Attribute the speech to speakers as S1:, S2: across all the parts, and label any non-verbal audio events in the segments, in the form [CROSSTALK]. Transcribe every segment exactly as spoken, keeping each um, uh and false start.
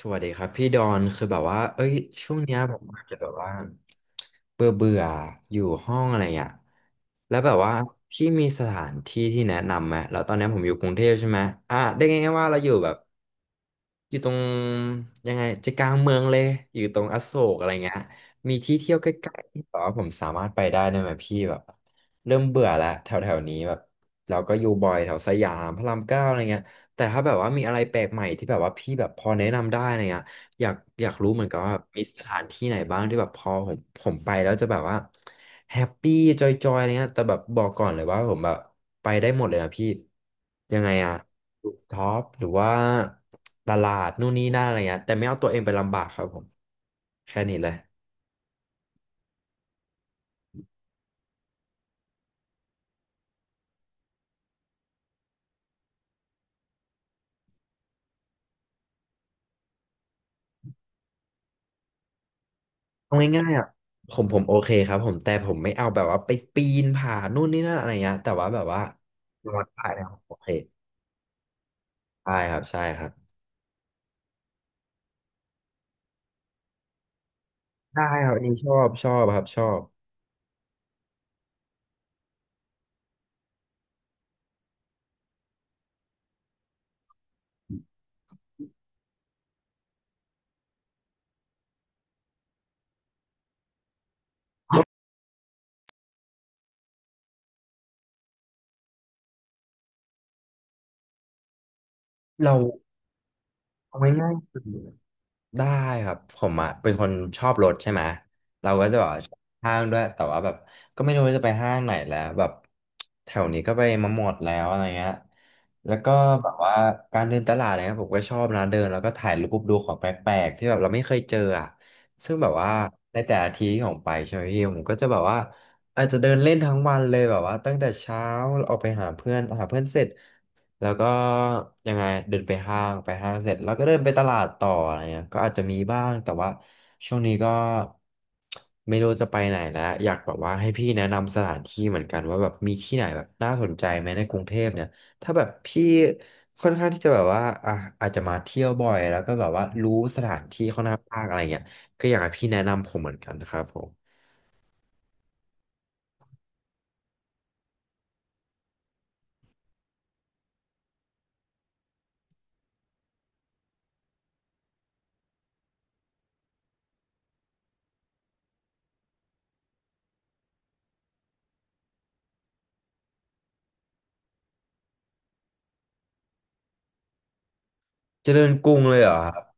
S1: สวัสดีครับพี่ดอนคือแบบว่าเอ้ยช่วงเนี้ยผมอาจจะแบบว่าเบื่อเบื่ออยู่ห้องอะไรอ่ะแล้วแบบว่าพี่มีสถานที่ที่แนะนำไหมแล้วตอนเนี้ยผมอยู่กรุงเทพใช่ไหมอ่ะได้ไงายๆว่าเราอยู่แบบอยู่ตรงยังไงใจกลางเมืองเลยอยู่ตรงอโศกอะไรเงี้ยมีที่เที่ยวใกล้ๆที่แบบว่าผมสามารถไปได้ได้ไหมพี่แบบเริ่มเบื่อแล้วแถวแถวนี้แบบเราก็อยู่บ่อยแถวสยามพระรามเก้าอะไรเงี้ยแต่ถ้าแบบว่ามีอะไรแปลกใหม่ที่แบบว่าพี่แบบพอแนะนำได้อะไรเงี้ย อยากอยากรู้เหมือนกันว่ามีสถานที่ไหนบ้างที่แบบพอผมผมไปแล้วจะแบบว่าแฮปปี้จอยๆอะไรเงี้ยแต่แบบบอกก่อนเลยว่าผมแบบไปได้หมดเลยนะพี่ยังไงอะรูฟท็อปหรือว่าตลาดนู่นนี่นั่นอะไรเงี้ยแต่ไม่เอาตัวเองไปลำบากครับผมแค่นี้เลยเอาง่ายๆอ่ะผมผมโอเคครับผมแต่ผมไม่เอาแบบว่าไปปีนผานู่นนี่นั่นอะไรเงี้ยแต่ว่าแบบว่านอนได้นะครับโอเคได้ครับใช่ครับได้ครับอันนี้ชอบชอบครับชอบเรา เอาง่ายๆคือได้ครับผมอ่ะเป็นคนชอบรถใช่ไหมเราก็จะแบบว่าชอบห้างด้วยแต่ว่าแบบก็ไม่รู้ว่าจะไปห้างไหนแล้วแบบแถวนี้ก็ไปมาหมดแล้วอะไรเงี้ยแล้วก็แบบว่าการเดินตลาดอะไรเงี้ยผมก็ชอบนะเดินแล้วก็ถ่ายรูปดูของแปลกๆที่แบบเราไม่เคยเจออ่ะซึ่งแบบว่าในแต่ละทีที่ผมไปใช่ไหมพี่ผมก็จะแบบว่าอาจจะเดินเล่นทั้งวันเลยแบบว่าตั้งแต่เช้าออกไปหาเพื่อนหาเพื่อนเสร็จ แล้วก็ยังไงเดินไปห้างไปห้างเสร็จแล้วก็เดินไปตลาดต่ออะไรเงี้ยก็อาจจะมีบ้างแต่ว่าช่วงนี้ก็ไม่รู้จะไปไหนแล้วอยากแบบว่าให้พี่แนะนำสถานที่เหมือนกันว่าแบบมีที่ไหนแบบน่าสนใจไหมในกรุงเทพเนี่ยถ้าแบบพี่ค่อนข้างที่จะแบบว่าอ่ะอาจจะมาเที่ยวบ่อยแล้วก็แบบว่ารู้สถานที่ค่อนข้างมากอะไรเงี้ยก็อยากให้พี่แนะนำผมเหมือนกันนะครับผมเจริญกรุงเลยเหรอครับ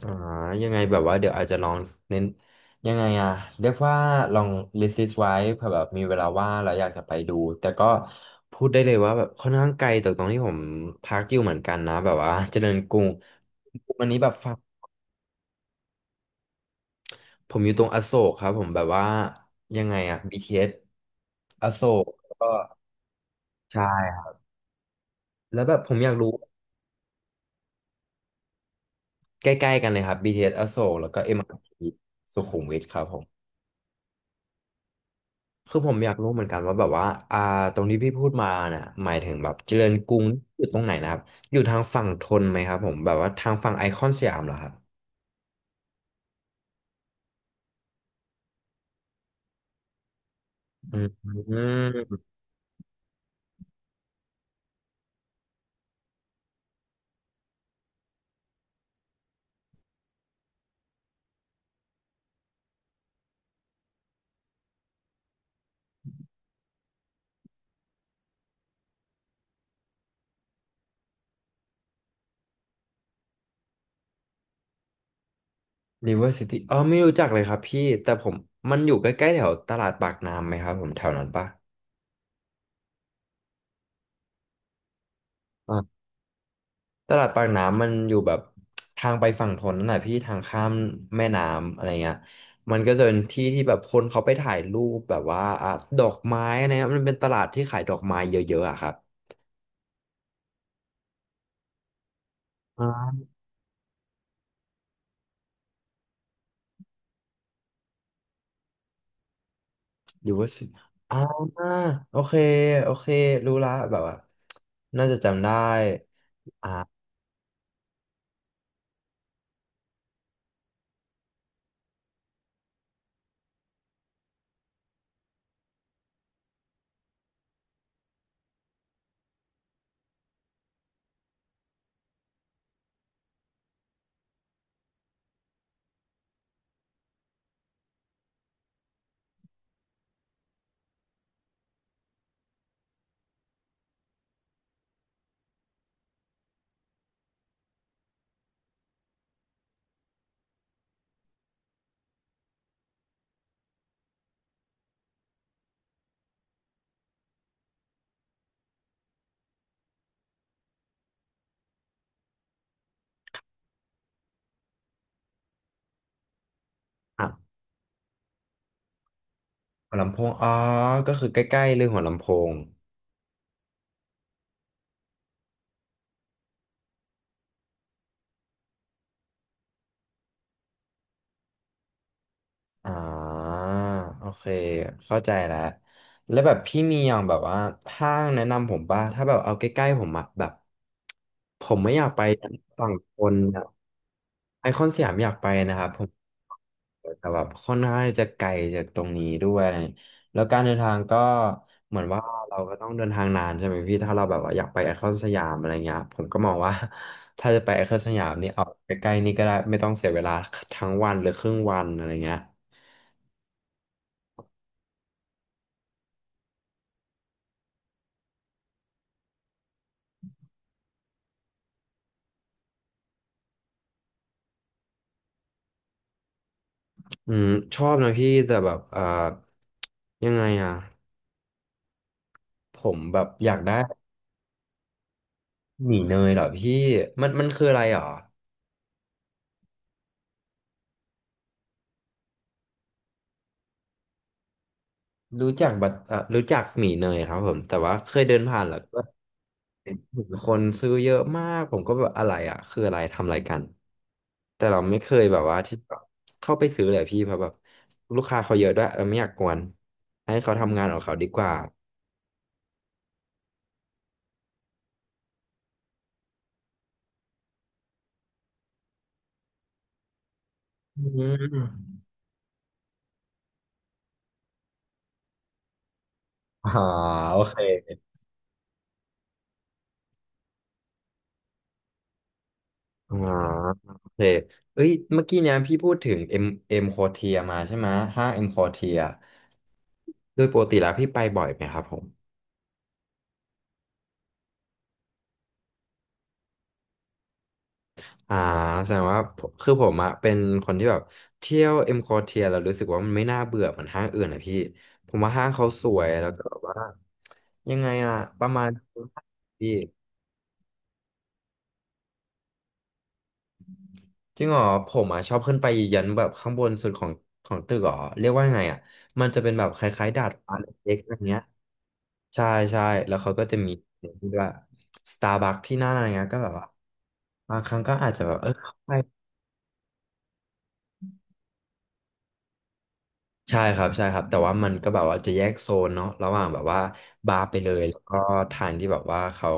S1: อ่ายังไงแบบว่าเดี๋ยวอาจจะลองเน้นยังไงอะเรียกว่าลอง list it ไว้เผื่อแบบมีเวลาว่างเราอยากจะไปดูแต่ก็พูดได้เลยว่าแบบค่อนข้างไกลจากตรงที่ผมพักอยู่เหมือนกันนะแบบว่าเจริญกรุงวันนี้แบบฟังผมอยู่ตรงอโศกครับผมแบบว่ายังไงอะ บี ที เอส อสอโศกแล้วก็ใช่ครับแล้วแบบผมอยากรู้ใกล้ๆกันเลยครับ บี ที เอส อสอโศกแล้วก็ m r ีสุขุมวิทครับผม คือผมอยากรู้เหมือนกันว่าแบบว่าอ่าตรงที่พี่พูดมาน่ะหมายถึงแบบเจริญกรุงอยู่ตรงไหนนะครับอยู่ทางฝั่งธนไหมครับผมแบบว่าทางฝั่งไอคอนสยามเหรอครับอืมริเวอร์ซิตี้อ๋อไม่รู้จักเลยครับพี่แต่ผมมันอยู่ใกล้ๆแถวตลาดปากน้ำไหมครับผมแถวนั้นปะอ่าตลาดปากน้ำมันอยู่แบบทางไปฝั่งธนนั่นแหละพี่ทางข้ามแม่น้ำอะไรเงี้ยมันก็จะเป็นที่ที่แบบคนเขาไปถ่ายรูปแบบว่าอ่ะดอกไม้อะไรเงี้ยมันเป็นตลาดที่ขายดอกไม้เยอะๆอะครับ อยู่ว่าสิอ่าโอเคโอเครู้ละแบบว่าน่าจะจำได้อ่ะหัวลำโพงอ๋อก็คือใกล้ๆเรื่องหัวลำโพงอ่าโอเคเข้าใจแล้ว แล้วแบบพี่มีอย่างแบบว่าห้างแนะนำผมป่ะถ้าแบบเอาใกล้ๆผมอะแบบผมไม่อยากไปฝั่งทนอะ ไอคอนสยามอยากไปนะครับผมแต่แบบค่อนข้างที่จะไกลจากตรงนี้ด้วยแล้วการเดินทางก็เหมือนว่าเราก็ต้องเดินทางนานใช่ไหมพี่ถ้าเราแบบว่าอยากไปไอคอนสยามอะไรเงี้ยผมก็มองว่า [LAUGHS] ถ้าจะไปไอคอนสยามนี่เอาใกล้ๆนี่ก็ได้ไม่ต้องเสียเวลาทั้งวันหรือครึ่งวันอะไรเงี้ยอืมชอบนะพี่แต่แบบเอ่อยังไงอ่ะผมแบบอยากได้หมี่เนยเหรอพี่มันมันคืออะไรเหรอ รู้จักบัตอ่ะรู้จักหมี่เนยครับผมแต่ว่าเคยเดินผ่านแล้วก็เห็นคนซื้อเยอะมากผมก็แบบอะไรอ่ะคืออะไรทำอะไรกันแต่เราไม่เคยแบบว่าที่แบบเข้าไปซื้อเลยพี่เพราะแบบลูกค้าเขาเยอะด้วยเราไม่อยากกวนให้เขาทำงานของเขาดีกว่าอืมอ๋อโอเคอ๋อโอเคเอ้ยเมื่อกี้เนี่ยพี่พูดถึงเอ็มเอ็มโคเทียมาใช่ไหมห้างเอ็มโคเทียโดยปกติแล้วพี่ไปบ่อยไหมครับผม อ่าแสดงว่าผมคือผมอะเป็นคนที่แบบเที่ยวเอ็มคอเทียแล้วรู้สึกว่ามันไม่น่าเบื่อเหมือนห้างอื่นอะพี่ผมว่าห้างเขาสวยแล้วก็แบบว่ายังไงอะประมาณพี่จริงเหรอผมอะชอบขึ้นไปยันแบบข้างบนสุดของของตึกเหรอเรียกว่ายังไงอะมันจะเป็นแบบคล้ายๆดาดฟ้าเล็กๆอะไรเงี้ยใช่ใช่แล้วเขาก็จะมีเนี่ยที่ด้วยสตาร์บัคที่นั่นอะไรเงี้ยก็แบบว่าบางครั้งก็อาจจะแบบเออเข้าไป ใช่ครับใช่ครับแต่ว่ามันก็แบบว่าจะแยกโซนเนาะระหว่างแบบว่าบาร์ไปเลยแล้วก็ทานที่แบบว่าเขา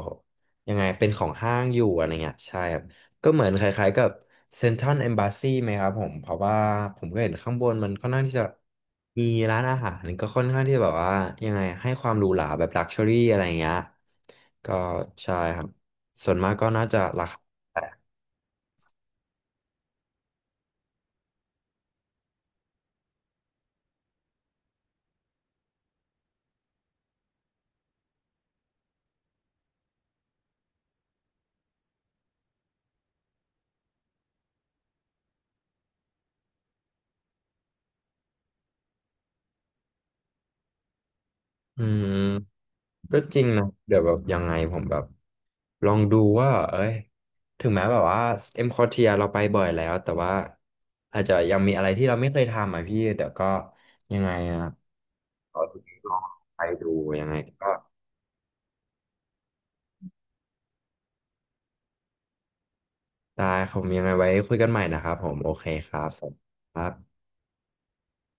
S1: ยังไงเป็นของห้างอยู่อะไรเงี้ยใช่ครับก็เหมือนคล้ายๆกับเซ็นทรัลเอมบ s สซีไหมครับผมเพราะว่าผมก็เห็นข้างบนมันค่อนข้างที่จะมีร้านอาหารก็ค่อนข้างที่จะแบบว่ายังไงให้ความหรูหราแบบลักชัวรี่อะไรเงี้ยก็ใช่ครับส่วนมากก็น่าจะราคาอืม ก็จริงนะเดี๋ยวแบบยังไงผมแบบลองดูว่าเอ้ยถึงแม้แบบว่าเอ็มคอเทียเราไปบ่อยแล้วแต่ว่าอาจจะยังมีอะไรที่เราไม่เคยทำอ่ะพี่เดี๋ยวก็ยังไงอ่ะขอลองไปดูยังไงก็ได้ผมยังไงไว้คุยกันใหม่นะครับผมโอเคครับสวัสดีครับ